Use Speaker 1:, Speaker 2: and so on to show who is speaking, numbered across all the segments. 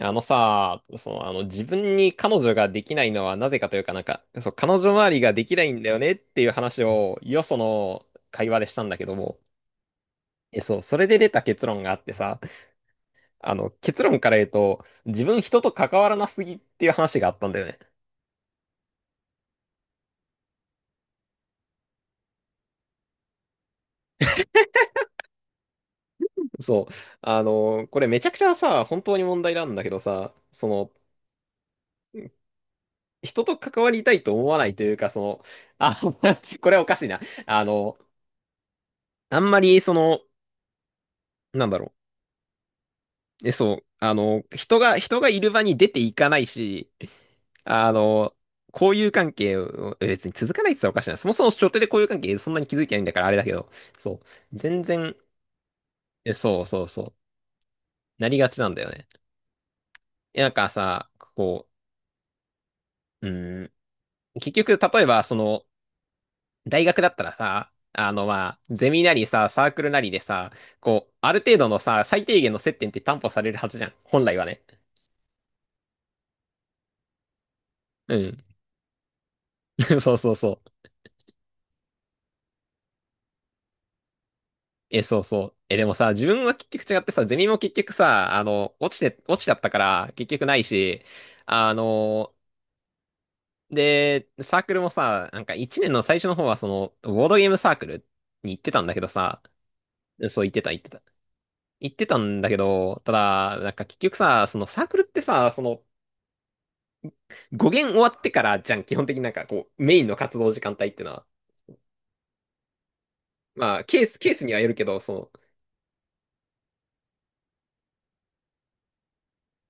Speaker 1: あのさ、そのあの、自分に彼女ができないのはなぜかというかなんか、そう、彼女周りができないんだよねっていう話を、よその会話でしたんだけども、そう、それで出た結論があってさ、結論から言うと、自分人と関わらなすぎっていう話があったんだよね。そう、これめちゃくちゃさ、本当に問題なんだけどさ、人と関わりたいと思わないというか、あ、これはおかしいな。あの、あんまり、なんだろう。そう。人がいる場に出ていかないし、あの、交友関係を別に続かないって言ったらおかしいな。そもそも初手で交友関係そんなに気づいてないんだからあれだけど、そう。全然、そうそうそう。なりがちなんだよね。なんかさ、うん、結局、例えば、大学だったらさ、まあ、ゼミなりさ、サークルなりでさ、ある程度のさ、最低限の接点って担保されるはずじゃん。本来はね。うん。そうそうそう。そうそう。でもさ、自分は結局違ってさ、ゼミも結局さ、落ちちゃったから、結局ないし、あの、で、サークルもさ、なんか一年の最初の方は、ボードゲームサークルに行ってたんだけどさ、そう、行ってた、行ってた。行ってたんだけど、ただ、なんか結局さ、そのサークルってさ、語源終わってからじゃん、基本的になんかこう、メインの活動時間帯ってのは。まあ、ケースにはよるけど、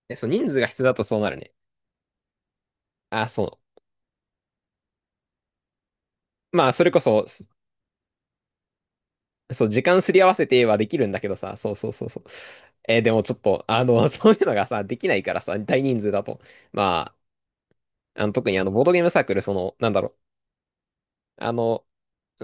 Speaker 1: そう、人数が必要だとそうなるね。あ、そう。まあ、それこそ、そう、時間すり合わせてはできるんだけどさ、そうそうそうそう。でもちょっと、そういうのがさ、できないからさ、大人数だと。まあ、特にボードゲームサークル、なんだろう、あの、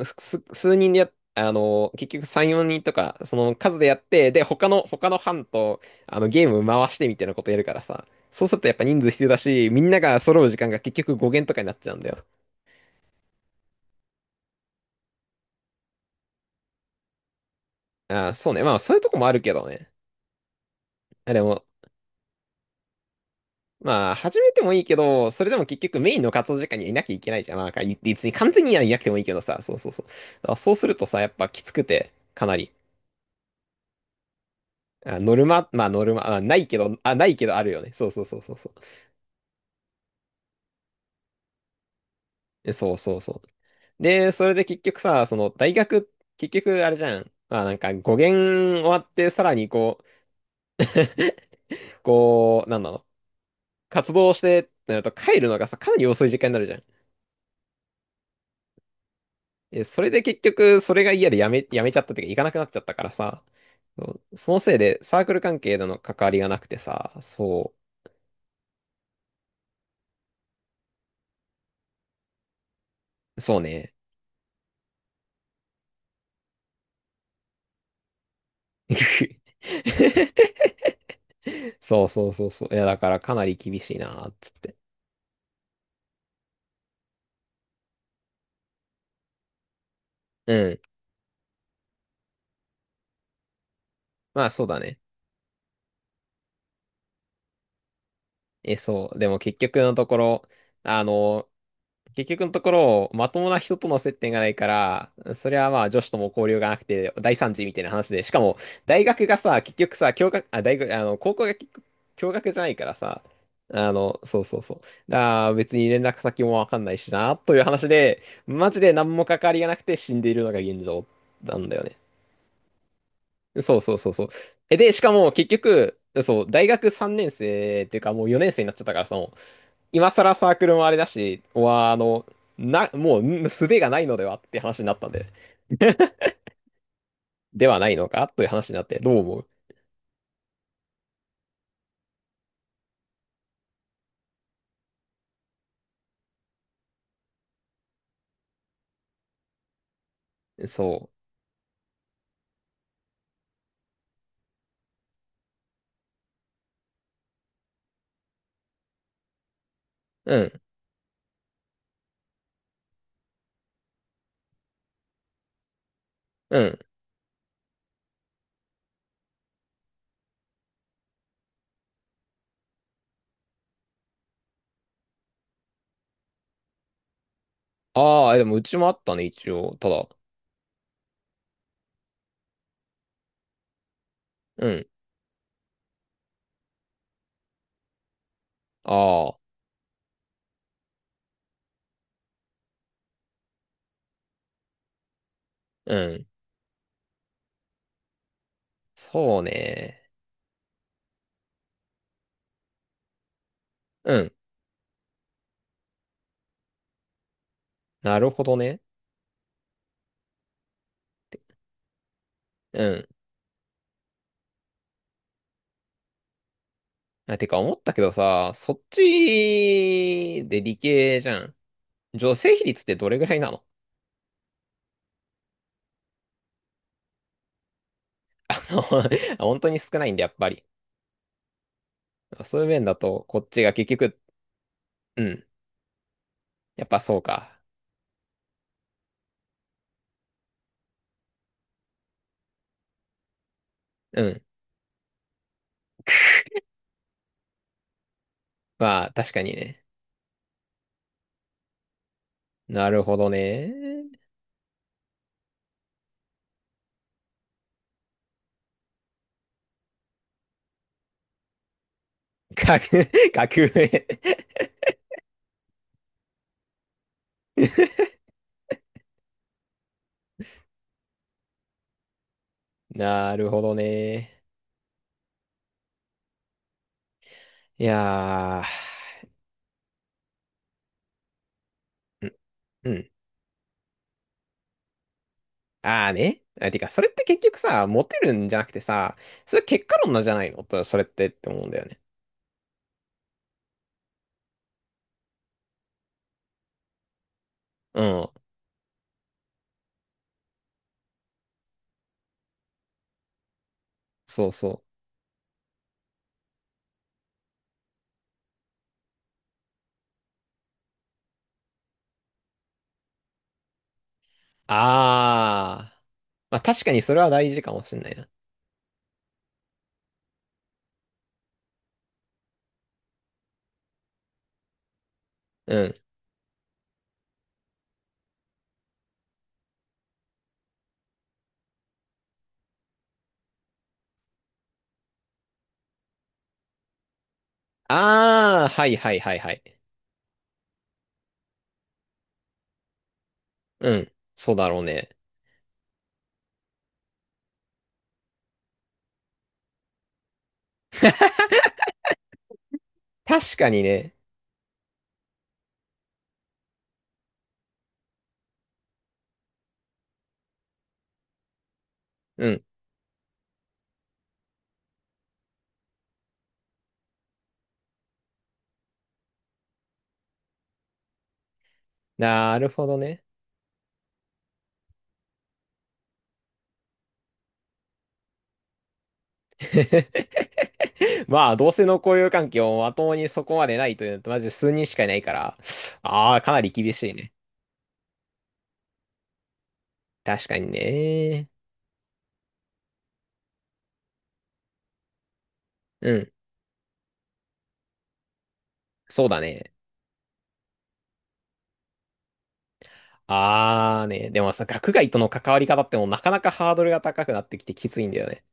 Speaker 1: すす数人でやっ、あの、結局3、4人とか、その数でやって、で、他の班と、ゲーム回してみたいなことやるからさ、そうするとやっぱ人数必要だし、みんなが揃う時間が結局5限とかになっちゃうんだよ。あー、そうね。まあ、そういうとこもあるけどね。あでも、まあ、始めてもいいけど、それでも結局メインの活動時間にはいなきゃいけないじゃん。まあ、か言って別に完全にはいなくてもいいけどさ、そうそうそう。だからそうするとさ、やっぱきつくて、かなり。あ、ノルマ、まあノルマ、あ、ないけど、あ、ないけどあるよね。そうそうそうそうそう。そうそうそう。で、それで結局さ、その大学、結局あれじゃん。まあなんか語源終わってさらにこう、なんだろう。活動してってなると帰るのがさ、かなり遅い時間になるじゃん。それで結局それが嫌でやめちゃったっていうか行かなくなっちゃったからさ。そうそのせいでサークル関係との関わりがなくてさ、そう、そうね。そうそうそうそう。いや、だからかなり厳しいな、つって。うん。まあ、そうだね。そう。でもあの、結局のところ、まともな人との接点がないから、それはまあ女子とも交流がなくて大惨事みたいな話で、しかも大学がさ、結局さ、教学、あ、大学、あの、高校が結局共学じゃないからさ、そうそうそう。だから別に連絡先もわかんないしな、という話で、マジで何も関わりがなくて死んでいるのが現状なんだよね。そうそうそうそう。で、しかも結局、そう、大学3年生っていうかもう4年生になっちゃったからさ、もう今更サークルもあれだし、は、あの、な、もう、ん術がないのではって話になったんで、ではないのかという話になって、どう思う？そう。うん、うん。ああ、でもうちもあったね、一応。ただ、うん、ああ、うん、そうね。うん、なるほどね。うん。あ、てか思ったけどさ、そっちで理系じゃん。女性比率ってどれぐらいなの？あの、本当に少ないんで、やっぱり。そういう面だと、こっちが結局、うん、やっぱそうか。うん、まあ、確かにね。なるほどね。格上 なるほどね。いやー、うん、うん。ああね。あ、てか、それって結局さ、モテるんじゃなくてさ、それ結果論なんじゃないのと、それってって思うんだよね。うん。そうそう。ああ。まあ確かにそれは大事かもしんないな。うん。ああ、はいはいはいはい。うん。そうだろうね。確かにね。うん。なるほどね。まあ、同性の交友関係をまともにそこまでないというのと、まず数人しかいないから、ああ、かなり厳しいね。確かにね。うん、そうだね。ああね、でもさ、学外との関わり方ってもうなかなかハードルが高くなってきてきついんだよね。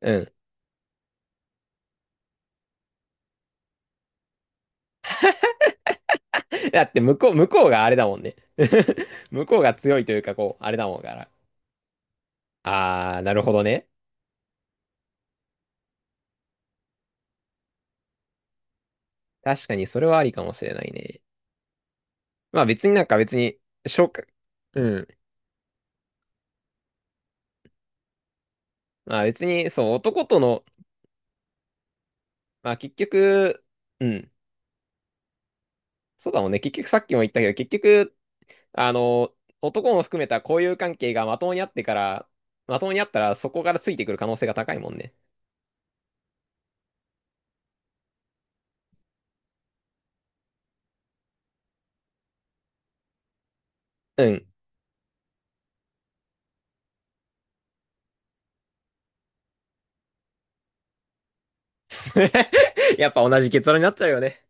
Speaker 1: うん。だって向こうがあれだもんね。向こうが強いというか、あれだもんから。ああ、なるほどね。確かにそれはありかもしれないね。まあ別になんか別に、紹介、うん。まあ別に、そう、男との、まあ結局、うん、そうだもんね。結局さっきも言ったけど、結局、あの、男も含めた交友関係がまともにあってから、まともにあったらそこからついてくる可能性が高いもんね。うん。やっぱ同じ結論になっちゃうよね。